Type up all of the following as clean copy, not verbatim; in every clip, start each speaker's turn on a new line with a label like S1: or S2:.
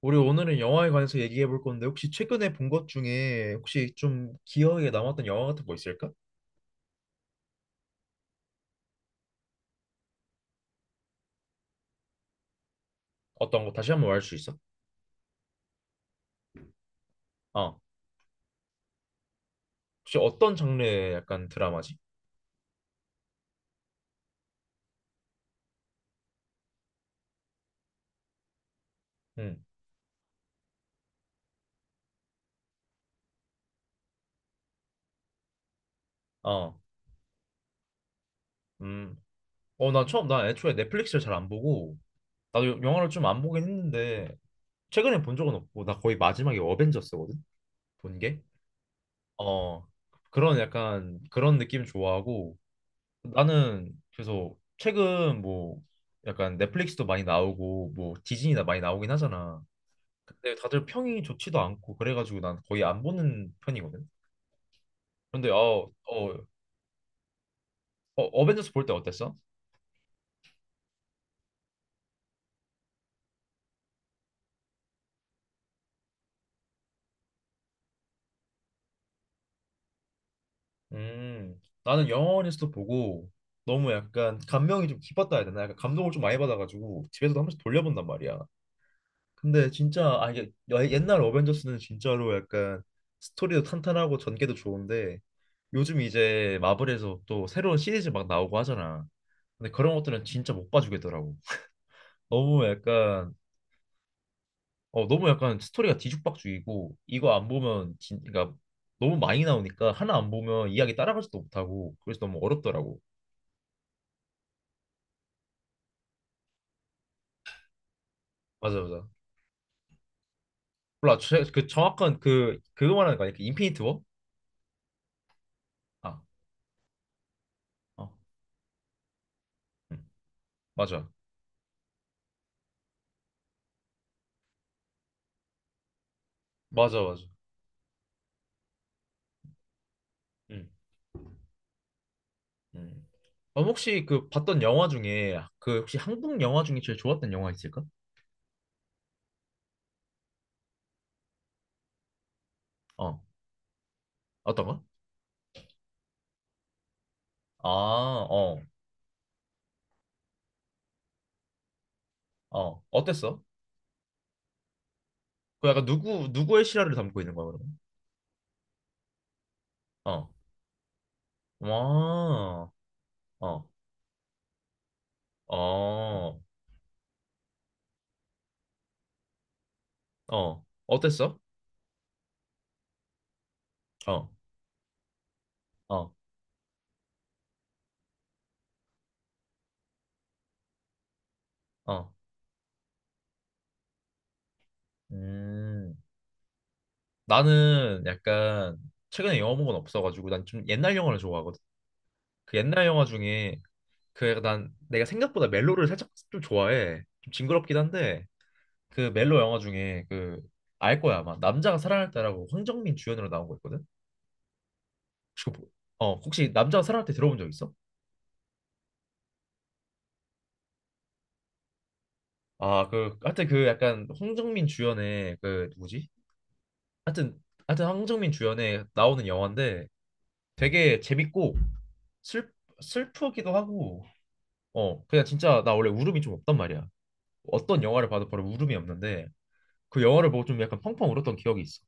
S1: 우리 오늘은 영화에 관해서 얘기해 볼 건데 혹시 최근에 본 것 중에 혹시 좀 기억에 남았던 영화 같은 거 있을까? 어떤 거 다시 한번 말할 수 있어? 어. 혹시 어떤 장르의 약간 드라마지? 응. 어. 음. 어, 나 처음 나 애초에 넷플릭스를 잘 안 보고 나도 영화를 좀 안 보긴 했는데 최근에 본 적은 없고 나 거의 마지막에 어벤져스거든. 본 게. 어. 그런 약간 그런 느낌 좋아하고 나는 그래서 최근 뭐 약간 넷플릭스도 많이 나오고 뭐 디즈니나 많이 나오긴 하잖아. 근데 다들 평이 좋지도 않고 그래가지고 난 거의 안 보는 편이거든. 그런데 어벤져스 볼 때 어땠어? 나는 영화관에서도 보고 너무 약간 감명이 좀 깊었다 해야 되나? 약간 감동을 좀 많이 받아가지고 집에서도 한 번씩 돌려본단 말이야. 근데 진짜 아 이게 옛날 어벤져스는 진짜로 약간 스토리도 탄탄하고 전개도 좋은데 요즘 이제 마블에서 또 새로운 시리즈 막 나오고 하잖아. 근데 그런 것들은 진짜 못 봐주겠더라고. 너무 약간 어 너무 약간 스토리가 뒤죽박죽이고 이거 안 보면 진 그러니까 너무 많이 나오니까 하나 안 보면 이야기 따라가지도 못하고 그래서 너무 어렵더라고. 맞아, 맞아. 몰라 그 정확한 그 그거 말하는 거 아니야? 그 인피니티 워? 아, 어, 응. 맞아, 맞아, 맞아. 응. 음. 그럼 혹시 그 봤던 영화 중에 그 혹시 한국 영화 중에 제일 좋았던 영화 있을까? 어, 어떤 거? 아, 어, 어, 어땠어? 그 약간 누구 누구의 실화를 담고 있는 거야 그러면? 어, 와, 어, 어, 어, 어땠어? 어, 어, 어, 음, 나는 약간 최근에 영화 본 건 없어가지고 난 좀 옛날 영화를 좋아하거든. 그 옛날 영화 중에 그 난 내가 생각보다 멜로를 살짝 좀 좋아해. 좀 징그럽긴 한데. 그 멜로 영화 중에 그 알 거야 아마 남자가 사랑할 때라고 황정민 주연으로 나온 거 있거든. 혹시 그- 어 혹시 남자가 사랑할 때 들어본 적 있어? 아 그 하여튼 그 약간 황정민 주연의 그 누구지? 하여튼 하여튼 황정민 주연에 나오는 영화인데 되게 재밌고 슬 슬프기도 하고 어 그냥 진짜 나 원래 울음이 좀 없단 말이야. 어떤 영화를 봐도 바로 울음이 없는데 그 영화를 보고 좀 약간 펑펑 울었던 기억이 있어.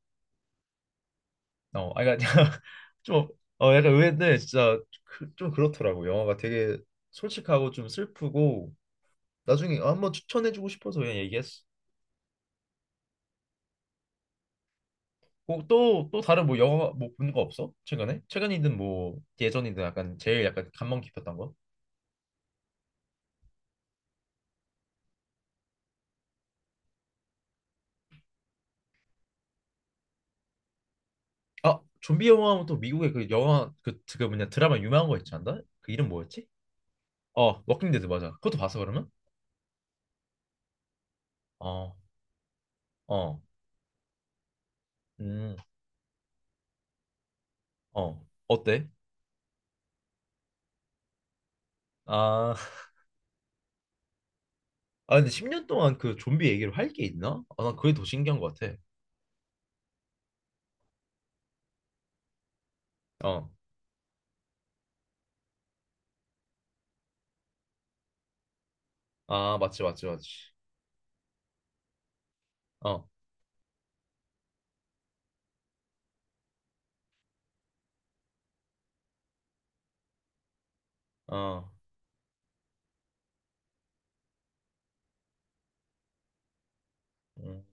S1: 어, 아, 그러니까 좀, 어, 약간 의외인데 진짜 그, 좀 그렇더라고. 영화가 되게 솔직하고 좀 슬프고 나중에 한번 추천해주고 싶어서 그냥 얘기했어. 뭐 또, 또 다른 뭐 영화 뭐 본 거 없어? 최근에? 최근이든 뭐 예전이든 약간 제일 약간 감명 깊었던 거? 아, 좀비 영화 하면 또 미국의 그 영화 그, 그 뭐냐 드라마 유명한 거 있지 않나? 그 이름 뭐였지? 어, 워킹 데드 맞아. 그것도 봤어 그러면? 어, 어, 음, 어, 어때? 아, 아 근데 10년 동안 그 좀비 얘기를 할 게 있나? 아 난 그게 더 신기한 것 같아. 어. 아 맞지, 맞지, 맞지. 어. 어. 음.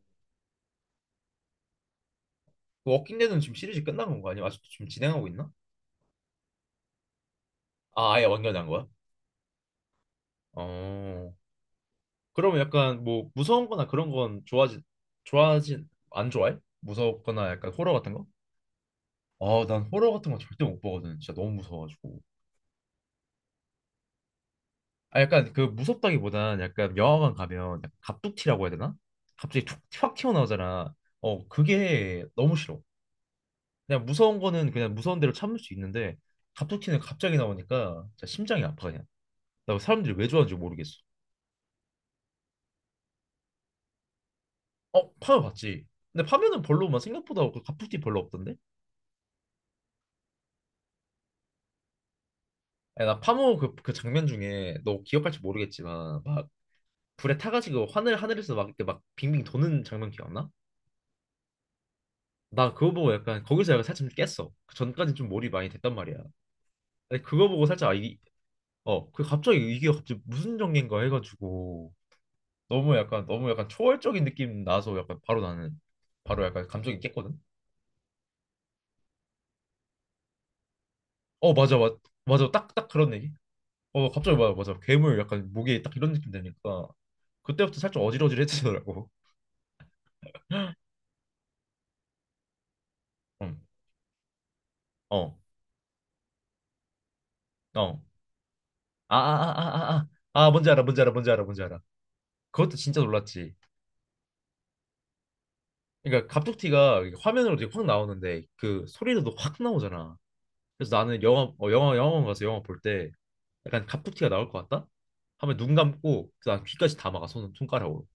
S1: 그 워킹 데드는 지금 시리즈 끝난 건가 아니면 아직도 지금 진행하고 있나? 아 아예 완결한 거야? 어. 그러면 약간 뭐 무서운 거나 그런 건 좋아하지 좋아하지 안 좋아해? 무섭거나 약간 호러 같은 거? 아 난 호러 같은 거 절대 못 보거든. 진짜 너무 무서워가지고. 아 약간 그 무섭다기보단 약간 영화관 가면 약간 갑툭튀라고 해야 되나? 갑자기 툭 확 튀어나오잖아. 어 그게 너무 싫어. 그냥 무서운 거는 그냥 무서운 대로 참을 수 있는데 갑툭튀는 갑자기 나오니까 진짜 심장이 아파 그냥. 나 사람들이 왜 좋아하는지 모르겠어. 어, 파묘 봤지? 근데 파묘는 별로 막 생각보다 그 갑툭튀 별로 없던데? 야, 나 파묘 그, 그 장면 중에 너 기억할지 모르겠지만 막 불에 타가지고 하늘에서 막 이렇게 막 빙빙 도는 장면 기억나? 나 그거 보고 약간 거기서 약간 살짝 좀 깼어. 그전까는좀 몰입 많이 됐단 말이야. 근데 그거 보고 살짝 아, 이, 어, 그 갑자기 이게 갑자기 무슨 전개인가 해가지고 너무 약간 너무 약간 초월적인 느낌 나서 약간 바로 나는 바로 약간 감정이 깼거든. 어 맞아 맞 맞아 딱 딱 그런 얘기. 어 갑자기 맞아, 맞아, 괴물 약간 목에 딱 이런 느낌 되니까 그때부터 살짝 어질어질해지더라고. 응. 어. 어. 아아아아아 아. 아 뭔지 알아 뭔지 알아 뭔지 알아 뭔지 알아. 그것도 진짜 놀랐지. 그러니까 갑툭튀가 이게 화면으로 되게 확 나오는데 그 소리도 확 나오잖아. 그래서 나는 영화 영화관 가서 영화 볼 때 약간 갑툭튀가 나올 것 같다? 하면 눈 감고 그다음 귀까지 다 막아 손 손가락으로.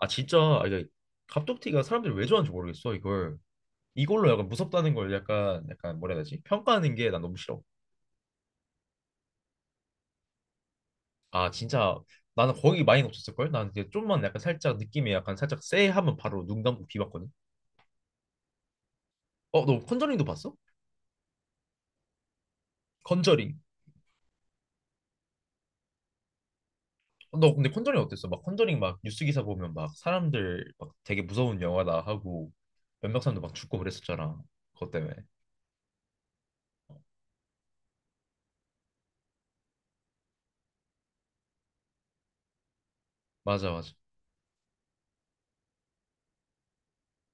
S1: 아 진짜 아, 이게 갑툭튀가 사람들이 왜 좋아하는지 모르겠어 이걸 이걸로 약간 무섭다는 걸 약간 약간 뭐라 해야 되지 평가하는 게 난 너무 싫어 아 진짜 나는 거기 많이 없었을 걸 나는 이제 좀만 약간 살짝 느낌이 약간 살짝 쎄 하면 바로 눈 감고 비봤거든 어 너 컨저링도 봤어? 컨저링 어, 너 근데 컨저링 어땠어? 막 컨저링 막 뉴스 기사 보면 막 사람들 막 되게 무서운 영화다 하고 몇몇 사람도 막 죽고 그랬었잖아 그것 때문에 맞아, 맞아,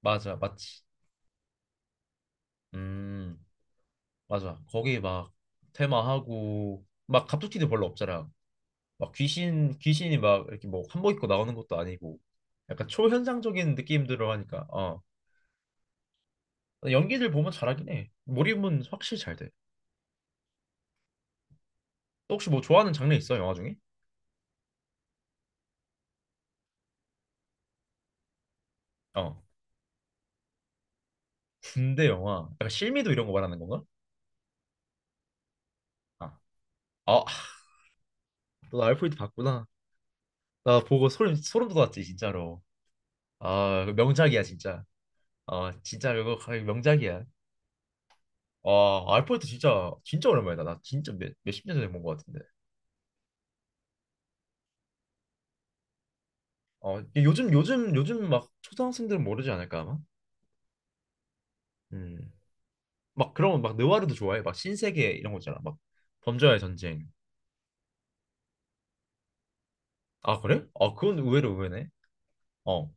S1: 맞아, 맞지 음. 맞아. 거기 막 테마하고 막 갑툭튀도 별로 없잖아. 막 귀신 귀신이 막 이렇게 뭐 한복 입고 나오는 것도 아니고 약간 초현상적인 느낌들로 하니까 어 연기들 보면 잘하긴 해. 몰입은 확실히 잘 돼. 또 혹시 뭐 좋아하는 장르 있어 영화 중에? 어 군대 영화. 약간 실미도 이런 거 말하는 건가? 아, 아, 너 알프레드 봤구나. 나 보고 소름 소름 돋았지 진짜로. 아 명작이야 진짜. 아 진짜 이거 거의 명작이야. 와, 알프레토 진짜 진짜 오랜만이다. 나 진짜 몇, 몇십 년 전에 본 것 같은데. 어, 이 요즘 요즘 요즘 막 초등학생들은 모르지 않을까 아마. 음. 막 그런 막 느와르도 좋아해. 막 신세계 이런 거 있잖아. 막 범죄와의 전쟁. 아, 그래? 아, 그건 의외로 의외네. 어.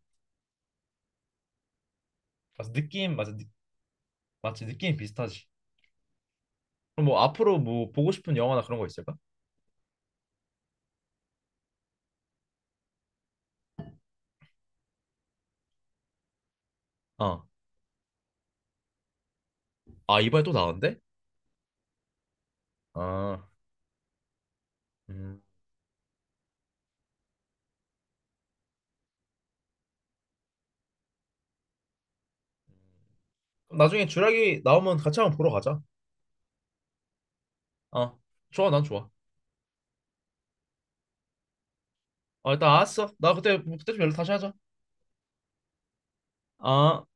S1: 맞아, 느낌 맞아. 느, 맞지. 느낌 비슷하지. 그럼 뭐 앞으로 뭐 보고 싶은 영화나 그런 거 있을까? 어. 아, 이번에 또 나온대? 아. 음. 그럼 나중에 주라기 나오면 같이 한번 보러 가자. 어. 좋아. 난 좋아. 아, 일단 알았어. 나 그때 좀 연락 다시 하자. 아.